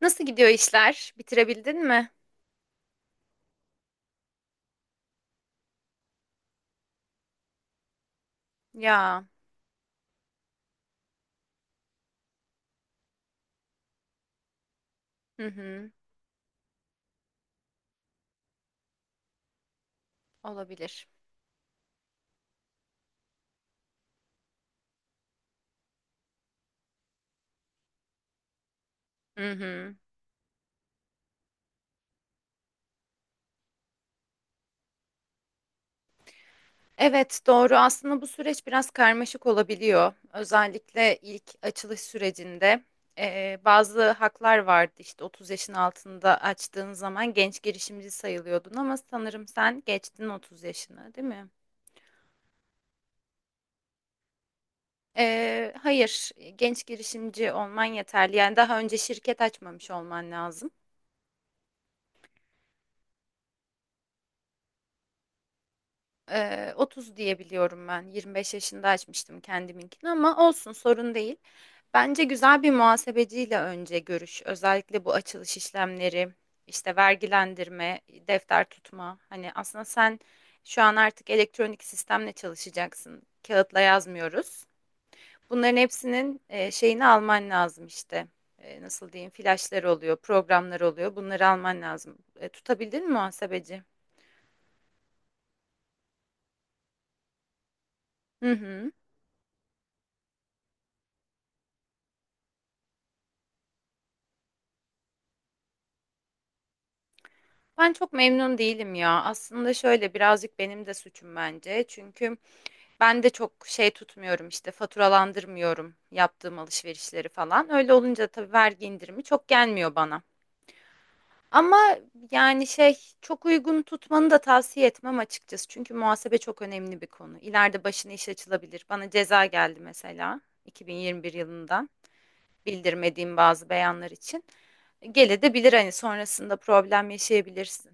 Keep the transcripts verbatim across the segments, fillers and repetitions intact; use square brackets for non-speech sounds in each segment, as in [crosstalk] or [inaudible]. Nasıl gidiyor işler? Bitirebildin mi? Ya, hı hı, olabilir. Hı hı. Evet, doğru. Aslında bu süreç biraz karmaşık olabiliyor. Özellikle ilk açılış sürecinde eee, bazı haklar vardı. İşte otuz yaşın altında açtığın zaman genç girişimci sayılıyordun ama sanırım sen geçtin otuz yaşını, değil mi? Eee, hayır, genç girişimci olman yeterli. Yani daha önce şirket açmamış olman lazım. Eee, otuz diyebiliyorum ben. yirmi beş yaşında açmıştım kendiminkini ama olsun sorun değil. Bence güzel bir muhasebeciyle önce görüş. Özellikle bu açılış işlemleri, işte vergilendirme, defter tutma. Hani aslında sen şu an artık elektronik sistemle çalışacaksın. Kağıtla yazmıyoruz. Bunların hepsinin eee, şeyini alman lazım işte. Eee, nasıl diyeyim? Flaşlar oluyor, programlar oluyor. Bunları alman lazım. E, tutabildin mi muhasebeci? Hı hı. Ben çok memnun değilim ya. Aslında şöyle birazcık benim de suçum bence. Çünkü ben de çok şey tutmuyorum işte faturalandırmıyorum yaptığım alışverişleri falan. Öyle olunca tabii vergi indirimi çok gelmiyor bana. Ama yani şey çok uygun tutmanı da tavsiye etmem açıkçası. Çünkü muhasebe çok önemli bir konu. İleride başına iş açılabilir. Bana ceza geldi mesela iki bin yirmi bir yılından bildirmediğim bazı beyanlar için. Gelebilir hani sonrasında problem yaşayabilirsin.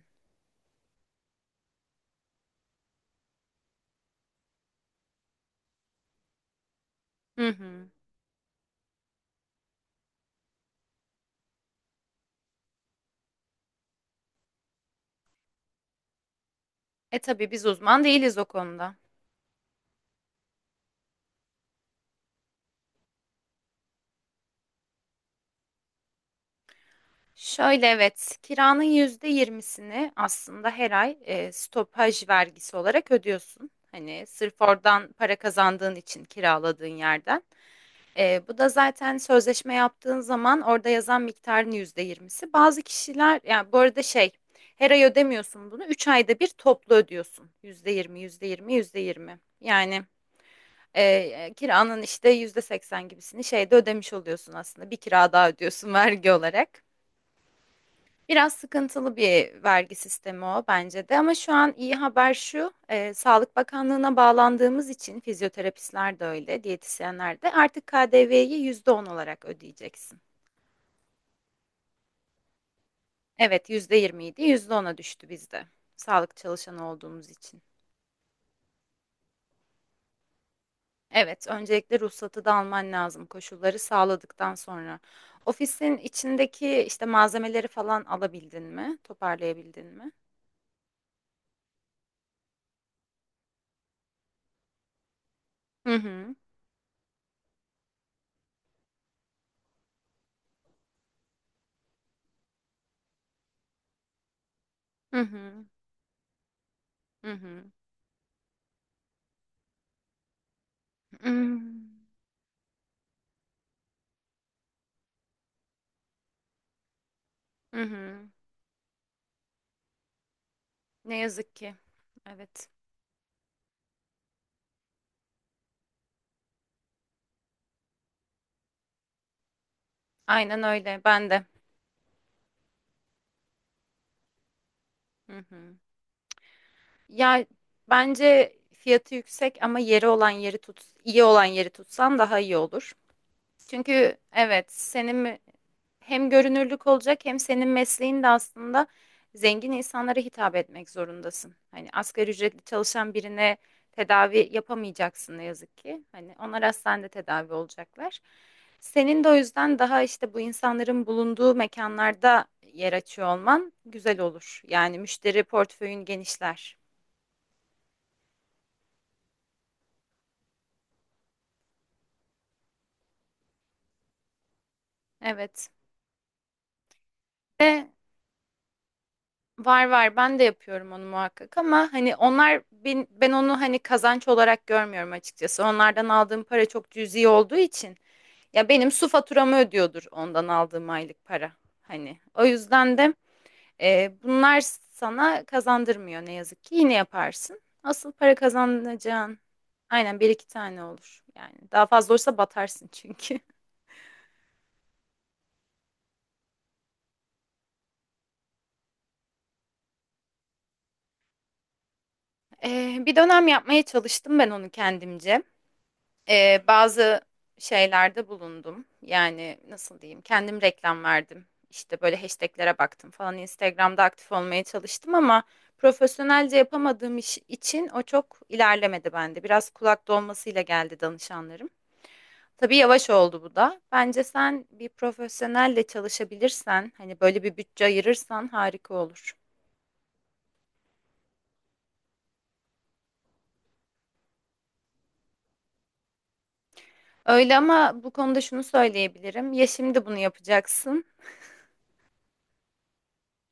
Hı hı. E tabii biz uzman değiliz o konuda. Şöyle evet, kiranın yüzde yirmisini aslında her ay e, stopaj vergisi olarak ödüyorsun. Hani sırf oradan para kazandığın için kiraladığın yerden. E, bu da zaten sözleşme yaptığın zaman orada yazan miktarın yüzde yirmisi. Bazı kişiler yani bu arada şey her ay ödemiyorsun bunu. Üç ayda bir toplu ödüyorsun. yüzde yüzde yirmi, yüzde yirmi, yüzde yirmi. Yani. Ee, kiranın işte yüzde seksen gibisini şeyde ödemiş oluyorsun aslında. Bir kira daha ödüyorsun [laughs] vergi olarak. Biraz sıkıntılı bir vergi sistemi o bence de ama şu an iyi haber şu e, Sağlık Bakanlığı'na bağlandığımız için fizyoterapistler de öyle, diyetisyenler de artık K D V'yi yüzde on olarak ödeyeceksin. Evet yüzde yirmi idi yüzde ona düştü bizde sağlık çalışanı olduğumuz için. Evet, öncelikle ruhsatı da alman lazım koşulları sağladıktan sonra. Ofisin içindeki işte malzemeleri falan alabildin mi? Toparlayabildin mi? Hı hı. Hı hı. Hı hı. Hmm. Hı hı. Ne yazık ki. Evet. Aynen öyle. Ben de. Hı hı. Ya bence fiyatı yüksek ama yeri olan yeri tut, iyi olan yeri tutsan daha iyi olur. Çünkü evet, senin mi? Hem görünürlük olacak hem senin mesleğin de aslında zengin insanlara hitap etmek zorundasın. Hani asgari ücretli çalışan birine tedavi yapamayacaksın ne yazık ki. Hani onlar hastanede tedavi olacaklar. Senin de o yüzden daha işte bu insanların bulunduğu mekanlarda yer açıyor olman güzel olur. Yani müşteri portföyün genişler. Evet. Ve var var, ben de yapıyorum onu muhakkak ama hani onlar ben, ben onu hani kazanç olarak görmüyorum açıkçası. Onlardan aldığım para çok cüzi olduğu için ya benim su faturamı ödüyordur ondan aldığım aylık para. Hani o yüzden de e, bunlar sana kazandırmıyor ne yazık ki yine yaparsın. Asıl para kazanacağın aynen bir iki tane olur yani daha fazla olursa batarsın çünkü. [laughs] E, bir dönem yapmaya çalıştım ben onu kendimce. Ee, bazı şeylerde bulundum. Yani nasıl diyeyim? Kendim reklam verdim. İşte böyle hashtaglere baktım falan. Instagram'da aktif olmaya çalıştım ama profesyonelce yapamadığım iş için o çok ilerlemedi bende. Biraz kulak dolmasıyla geldi danışanlarım. Tabii yavaş oldu bu da. Bence sen bir profesyonelle çalışabilirsen, hani böyle bir bütçe ayırırsan harika olur. Öyle ama bu konuda şunu söyleyebilirim. Ya şimdi bunu yapacaksın.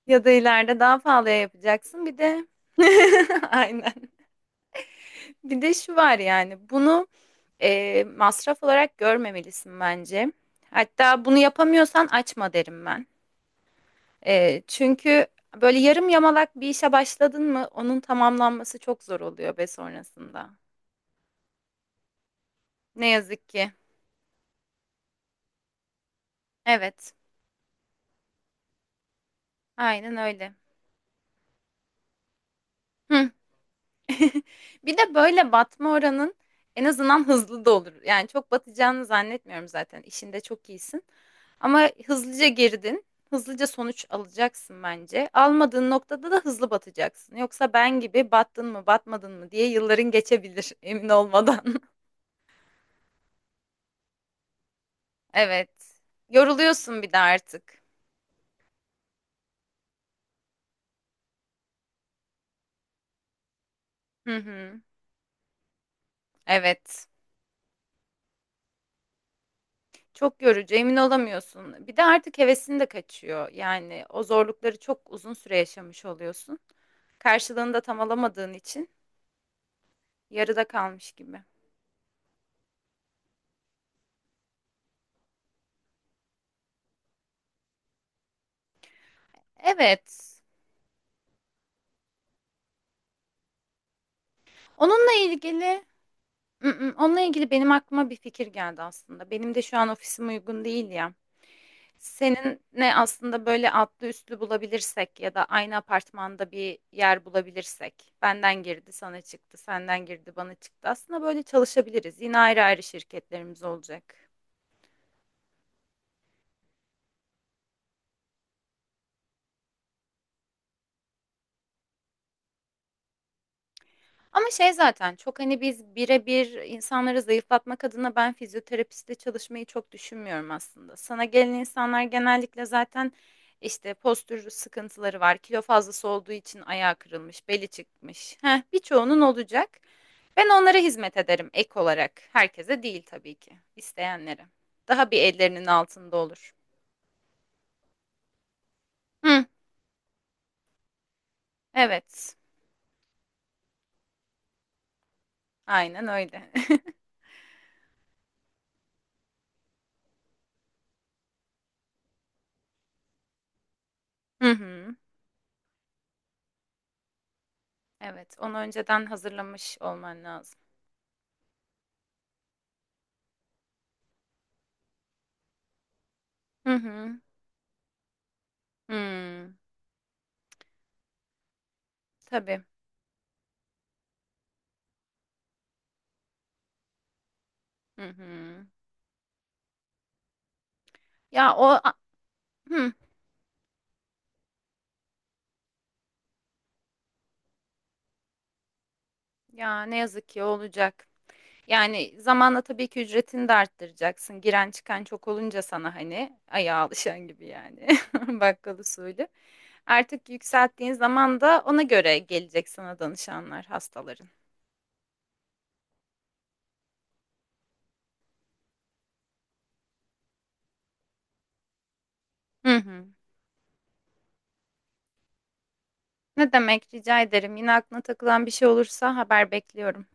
Ya da ileride daha pahalıya yapacaksın. Bir de [laughs] aynen. Bir de şu var yani bunu e, masraf olarak görmemelisin bence. Hatta bunu yapamıyorsan açma derim ben. E, çünkü böyle yarım yamalak bir işe başladın mı onun tamamlanması çok zor oluyor be sonrasında. Ne yazık ki. Evet, aynen öyle. Hı. [laughs] Bir de böyle batma oranın en azından hızlı da olur. Yani çok batacağını zannetmiyorum zaten. İşinde çok iyisin. Ama hızlıca girdin. Hızlıca sonuç alacaksın bence. Almadığın noktada da hızlı batacaksın. Yoksa ben gibi battın mı, batmadın mı diye yılların geçebilir emin olmadan. [laughs] Evet. Yoruluyorsun bir de artık. Hı hı. Evet. Çok yorucu, emin olamıyorsun. Bir de artık hevesin de kaçıyor. Yani o zorlukları çok uzun süre yaşamış oluyorsun. Karşılığını da tam alamadığın için yarıda kalmış gibi. Evet. Onunla ilgili. Mm, mm, onunla ilgili benim aklıma bir fikir geldi aslında. Benim de şu an ofisim uygun değil ya. Seninle aslında böyle altlı üstlü bulabilirsek ya da aynı apartmanda bir yer bulabilirsek. Benden girdi, sana çıktı, senden girdi, bana çıktı. Aslında böyle çalışabiliriz. Yine ayrı ayrı şirketlerimiz olacak. Ama şey zaten çok hani biz birebir insanları zayıflatmak adına ben fizyoterapiste çalışmayı çok düşünmüyorum aslında. Sana gelen insanlar genellikle zaten işte postür sıkıntıları var. Kilo fazlası olduğu için ayağı kırılmış, beli çıkmış. Heh, birçoğunun olacak. Ben onlara hizmet ederim ek olarak. Herkese değil tabii ki. İsteyenlere. Daha bir ellerinin altında olur. Hı, evet. Aynen öyle. [laughs] Hı hı. Evet, onu önceden hazırlamış olman lazım. Hı hı. Hmm, tabii. Hı hı. Ya o a- hı, ya ne yazık ki olacak. Yani zamanla tabii ki ücretini de arttıracaksın. Giren çıkan çok olunca sana hani ayağa alışan gibi yani. [laughs] Bakkal usulü. Artık yükselttiğin zaman da ona göre gelecek sana danışanlar, hastaların. Hı hı. Ne demek rica ederim. Yine aklına takılan bir şey olursa haber bekliyorum.